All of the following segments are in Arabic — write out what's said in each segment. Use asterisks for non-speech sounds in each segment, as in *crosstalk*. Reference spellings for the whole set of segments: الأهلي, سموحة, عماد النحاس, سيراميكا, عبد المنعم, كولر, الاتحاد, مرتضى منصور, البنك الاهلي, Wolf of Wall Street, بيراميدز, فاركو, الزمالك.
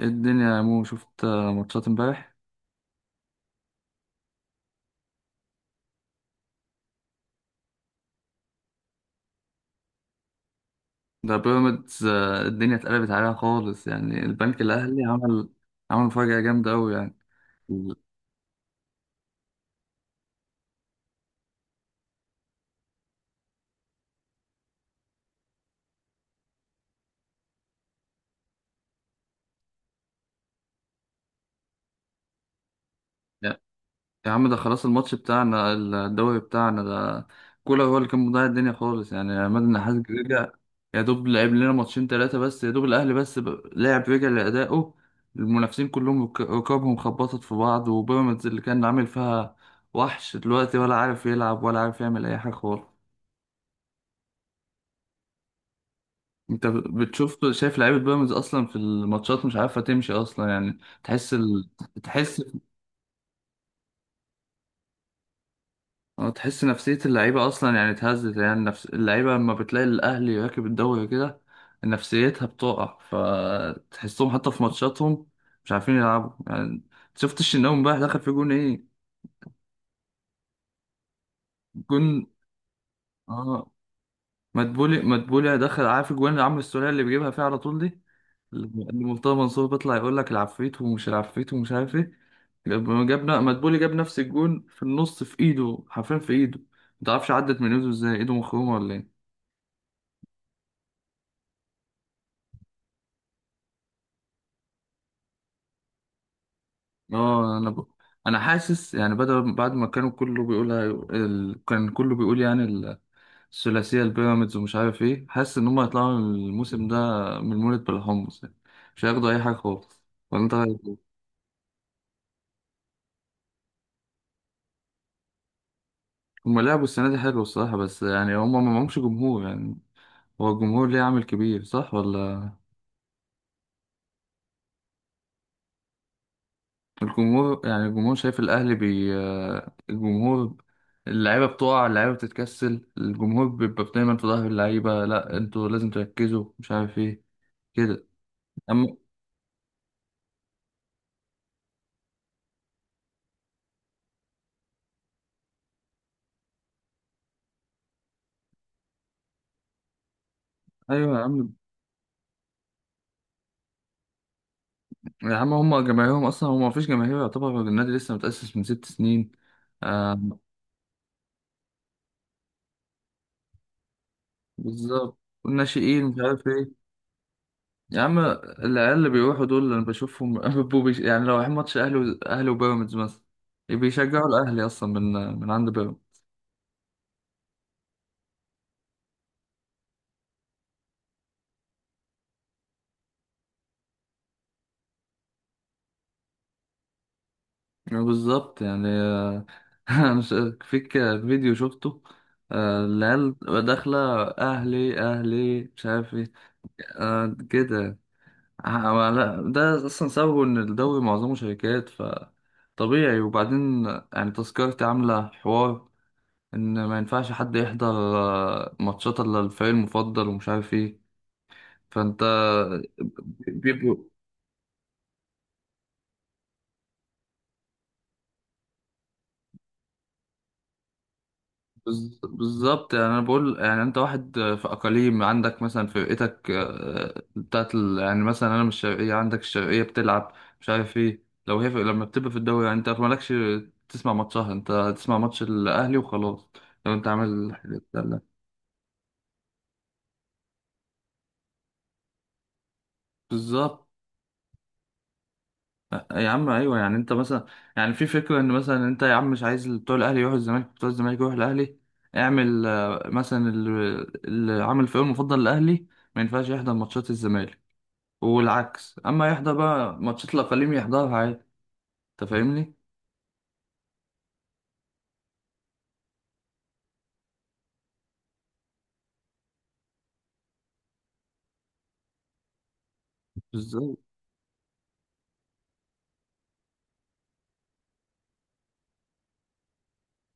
إيه الدنيا يا مو شفت ماتشات امبارح؟ ده بيراميدز، الدنيا اتقلبت عليها خالص، يعني البنك الاهلي عمل مفاجأة جامدة قوي يعني. ال- يا يا عم، ده خلاص، الماتش بتاعنا الدوري بتاعنا ده. كولر هو اللي كان مضيع الدنيا خالص يعني. عماد النحاس رجع، يا دوب لعب لنا ماتشين ثلاثة بس. يا دوب الاهلي بس لعب، رجع لأدائه. المنافسين كلهم ركابهم خبطت في بعض، وبيراميدز اللي كان عامل فيها وحش دلوقتي ولا عارف يلعب ولا عارف يعمل اي حاجة خالص. انت بتشوف، شايف لعيبه بيراميدز اصلا في الماتشات مش عارفه تمشي اصلا يعني. تحس ال... تحس اه تحس نفسيه اللعيبه اصلا يعني اتهزت، يعني نفس اللعيبه لما بتلاقي الاهلي راكب الدوري كده نفسيتها بتقع، فتحسهم حتى في ماتشاتهم مش عارفين يلعبوا يعني. شفت الشناوي امبارح دخل في جون ايه؟ جون. اه، مدبولي دخل، عارف الجوان اللي عمرو السولية اللي بيجيبها فيها على طول دي؟ لما مرتضى منصور بيطلع يقول لك العفريت ومش العفريت ومش عارف ايه، لما جابنا مدبولي جاب نفس الجون في النص، في ايده حرفيا، في ايده. ما تعرفش عدت من ايده ازاي، ايده مخرومه ولا ايه؟ اه انا ب... انا حاسس يعني، بدل بعد ما كانوا كله بيقول كان كله بيقول يعني الثلاثيه البيراميدز ومش عارف ايه، حاسس ان هم هيطلعوا الموسم ده من مولد بالحمص يعني. مش هياخدوا اي حاجه خالص. ولا انت رأيك إيه؟ هم لعبوا السنه دي حلو الصراحه، بس يعني هم ما معهمش جمهور يعني. هو الجمهور ليه عامل كبير صح ولا؟ الجمهور، يعني الجمهور شايف الأهلي، بي آه، الجمهور اللعيبة بتقع، اللعيبة بتتكسل، الجمهور بيبقى دايما في ظهر اللعيبة، لا انتوا لازم تركزوا مش عارف ايه كده. أما أيوة يا عم، يا عم هما جماهيرهم أصلا، هما مفيش جماهير، يعتبر النادي لسه متأسس من 6 سنين. آه. بالظبط، والناشئين مش عارف ايه. يا عم العيال اللي بيروحوا دول اللي انا بشوفهم *laughs* يعني لو رايحين ماتش اهلي اهلي وبيراميدز مثلا بيشجعوا الاهلي اصلا من عند بيراميدز. بالظبط يعني. *laughs* أنا مش فيك فيديو شفته، العيال داخله اهلي اهلي مش عارف ايه كده. لا، ده اصلا سببه ان الدوري معظمه شركات، فطبيعي. وبعدين يعني تذكرتي عامله حوار ان ما ينفعش حد يحضر ماتشات الا الفريق المفضل ومش عارف ايه. فانت بيبقوا بالظبط يعني. انا بقول يعني انت واحد في اقاليم، عندك مثلا فرقتك بتاعت يعني مثلا انا من الشرقيه، عندك الشرقيه بتلعب مش عارف ايه، لو هي لما بتبقى في الدوري يعني انت مالكش تسمع ماتشها، انت تسمع ماتش الاهلي وخلاص لو انت عامل الحاجات دي. بالظبط. يا عم ايوه، يعني انت مثلا يعني في فكره ان مثلا انت يا عم مش عايز بتوع الاهلي يروحوا الزمالك، بتوع الزمالك يروحوا الاهلي، اعمل مثلا اللي عامل فريق مفضل الاهلي ما ينفعش يحضر ماتشات الزمالك والعكس، اما يحضر بقى ماتشات الاقاليم يحضرها عادي. انت فاهمني ازاي؟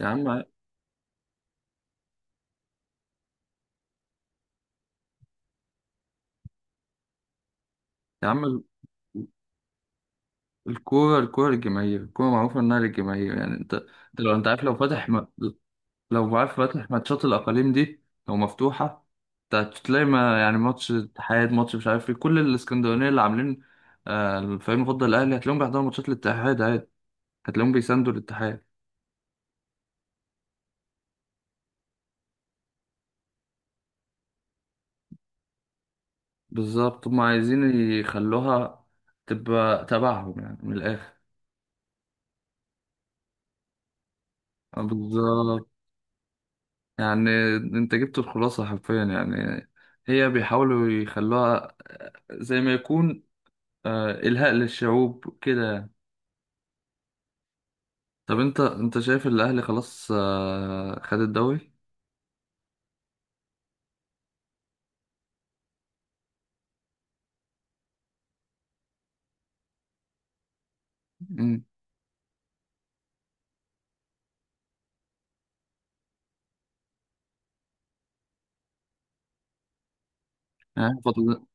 يا عم، عم ال- الكوره للجماهير، الكوره معروفه انها للجماهير. يعني انت، انت لو انت عارف، لو فاتح لو عارف فاتح ماتشات الأقاليم دي، لو مفتوحة تلاقي ما يعني ماتش اتحاد، ماتش مش عارف ايه، كل الاسكندرانية اللي عاملين الفريق المفضل الأهلي هتلاقيهم بيحضروا ماتشات الاتحاد عادي، هتلاقيهم بيساندوا الاتحاد. بالظبط، هما عايزين يخلوها تبقى تبعهم يعني من الآخر. بالظبط يعني، انت جبت الخلاصة حرفيا يعني. هي بيحاولوا يخلوها زي ما يكون إلهاء للشعوب كده يعني. طب انت، انت شايف ان الاهلي خلاص خد الدوري. مم. يعني فاضل.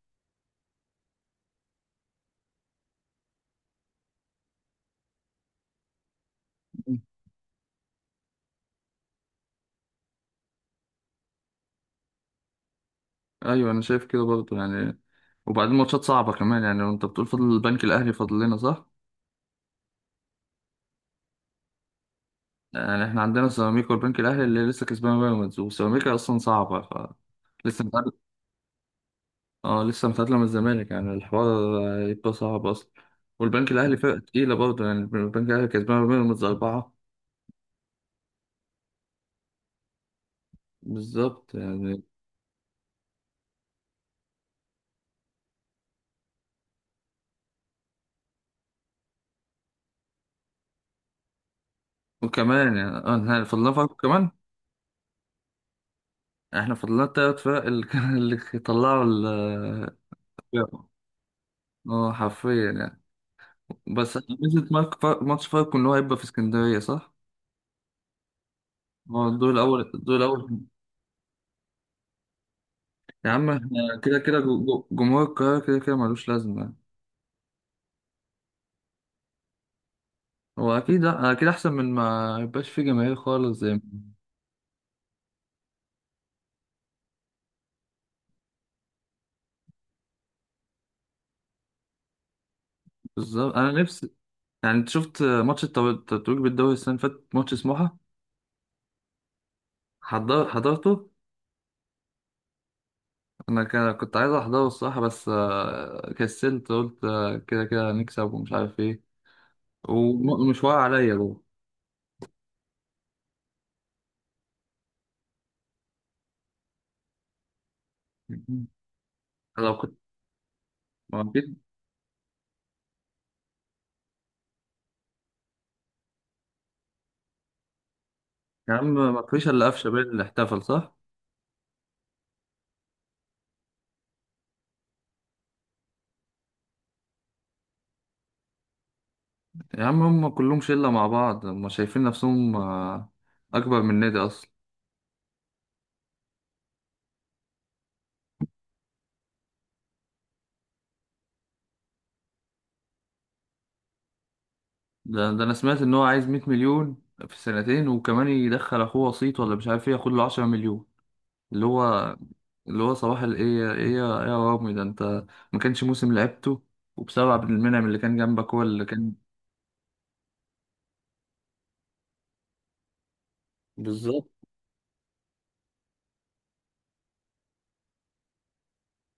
مم. ايوه انا شايف كده برضه يعني. وبعدين ماتشات صعبه كمان يعني، وانت بتقول فاضل البنك الاهلي فاضل لنا صح؟ يعني احنا عندنا سيراميكا والبنك الاهلي اللي لسه كسبان بيراميدز، وسيراميكا اصلا صعبه، ف لسه متعادل. اه لسه متعادله من الزمالك، يعني الحوار يبقى صعب اصلا. والبنك الاهلي فرقه تقيله برضه يعني، البنك الاهلي كسبان بيراميدز 4. بالظبط يعني. وكمان يعني اه فاضل لنا فرق كمان. احنا فضلنا التلات فرق اللي كان *laughs* اللي طلعوا ال اه حرفيا يعني. بس ميزة ماتش فاركو ان هو هيبقى في اسكندرية صح؟ هو الدور الأول، الدور الأول. يا عم احنا كده كده جمهور القاهرة كده كده ملوش لازمة يعني. هو أكيد أكيد أحسن من ما يبقاش فيه جماهير خالص زي ما- بالظبط أنا نفسي. يعني أنت شفت ماتش التتويج بالدوري السنة اللي فاتت ماتش سموحة؟ حضرته؟ أنا كنت عايز أحضره الصراحة بس كسلت، قلت كده كده هنكسب ومش عارف إيه، ومش واقع عليا جوه. لو كنت ما جيت. يا عم ما فيش الا قفشه بين اللي احتفل صح. يا عم هم كلهم شله مع بعض، هم شايفين نفسهم اكبر من النادي اصلا. ده انا سمعت ان هو عايز 100 مليون في سنتين، وكمان يدخل اخوه وسيط ولا مش عارف ايه ياخد له 10 مليون، اللي هو، اللي هو صباح الايه ايه ايه يا إيه، يا رامي ده انت ما كانش موسم لعبته وبسبب عبد المنعم اللي كان جنبك هو اللي كان. بالظبط.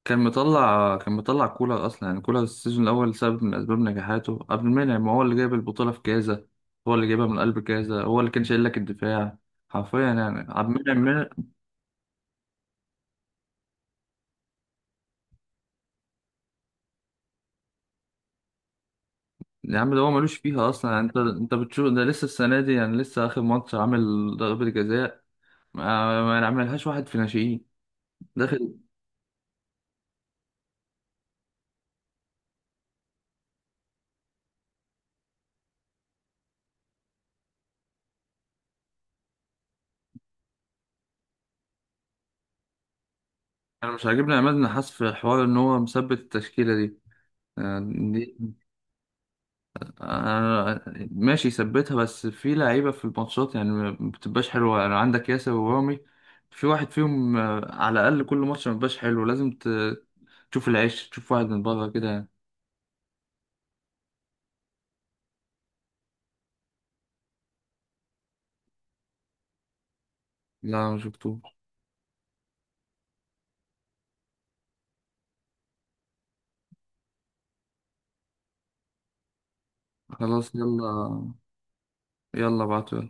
كان مطلع كولر اصلا يعني، كولر السيزون الاول سبب من اسباب نجاحاته قبل المنعم، ما هو اللي جايب البطوله في كازا، هو اللي جايبها من قلب كازا، هو اللي كان شايل لك الدفاع حرفيا يعني عبد المنعم يا عم ده هو ملوش فيها اصلا يعني، انت انت بتشوف ده لسه السنه دي، يعني لسه اخر ماتش عامل ضربه جزاء، ما عملهاش واحد في ناشئين داخل. انا مش عاجبني عماد النحاس في حوار ان هو مثبت التشكيله دي يعني. أنا ماشي، ثبتها بس في لعيبة في الماتشات يعني ما بتبقاش حلوة، يعني عندك ياسر ورامي، في واحد فيهم على الأقل كل ماتش ما بيبقاش حلو، لازم تشوف العيش، تشوف واحد من بره كده يعني. لا ما شفتوش. خلاص يلا. يلا بعتوا.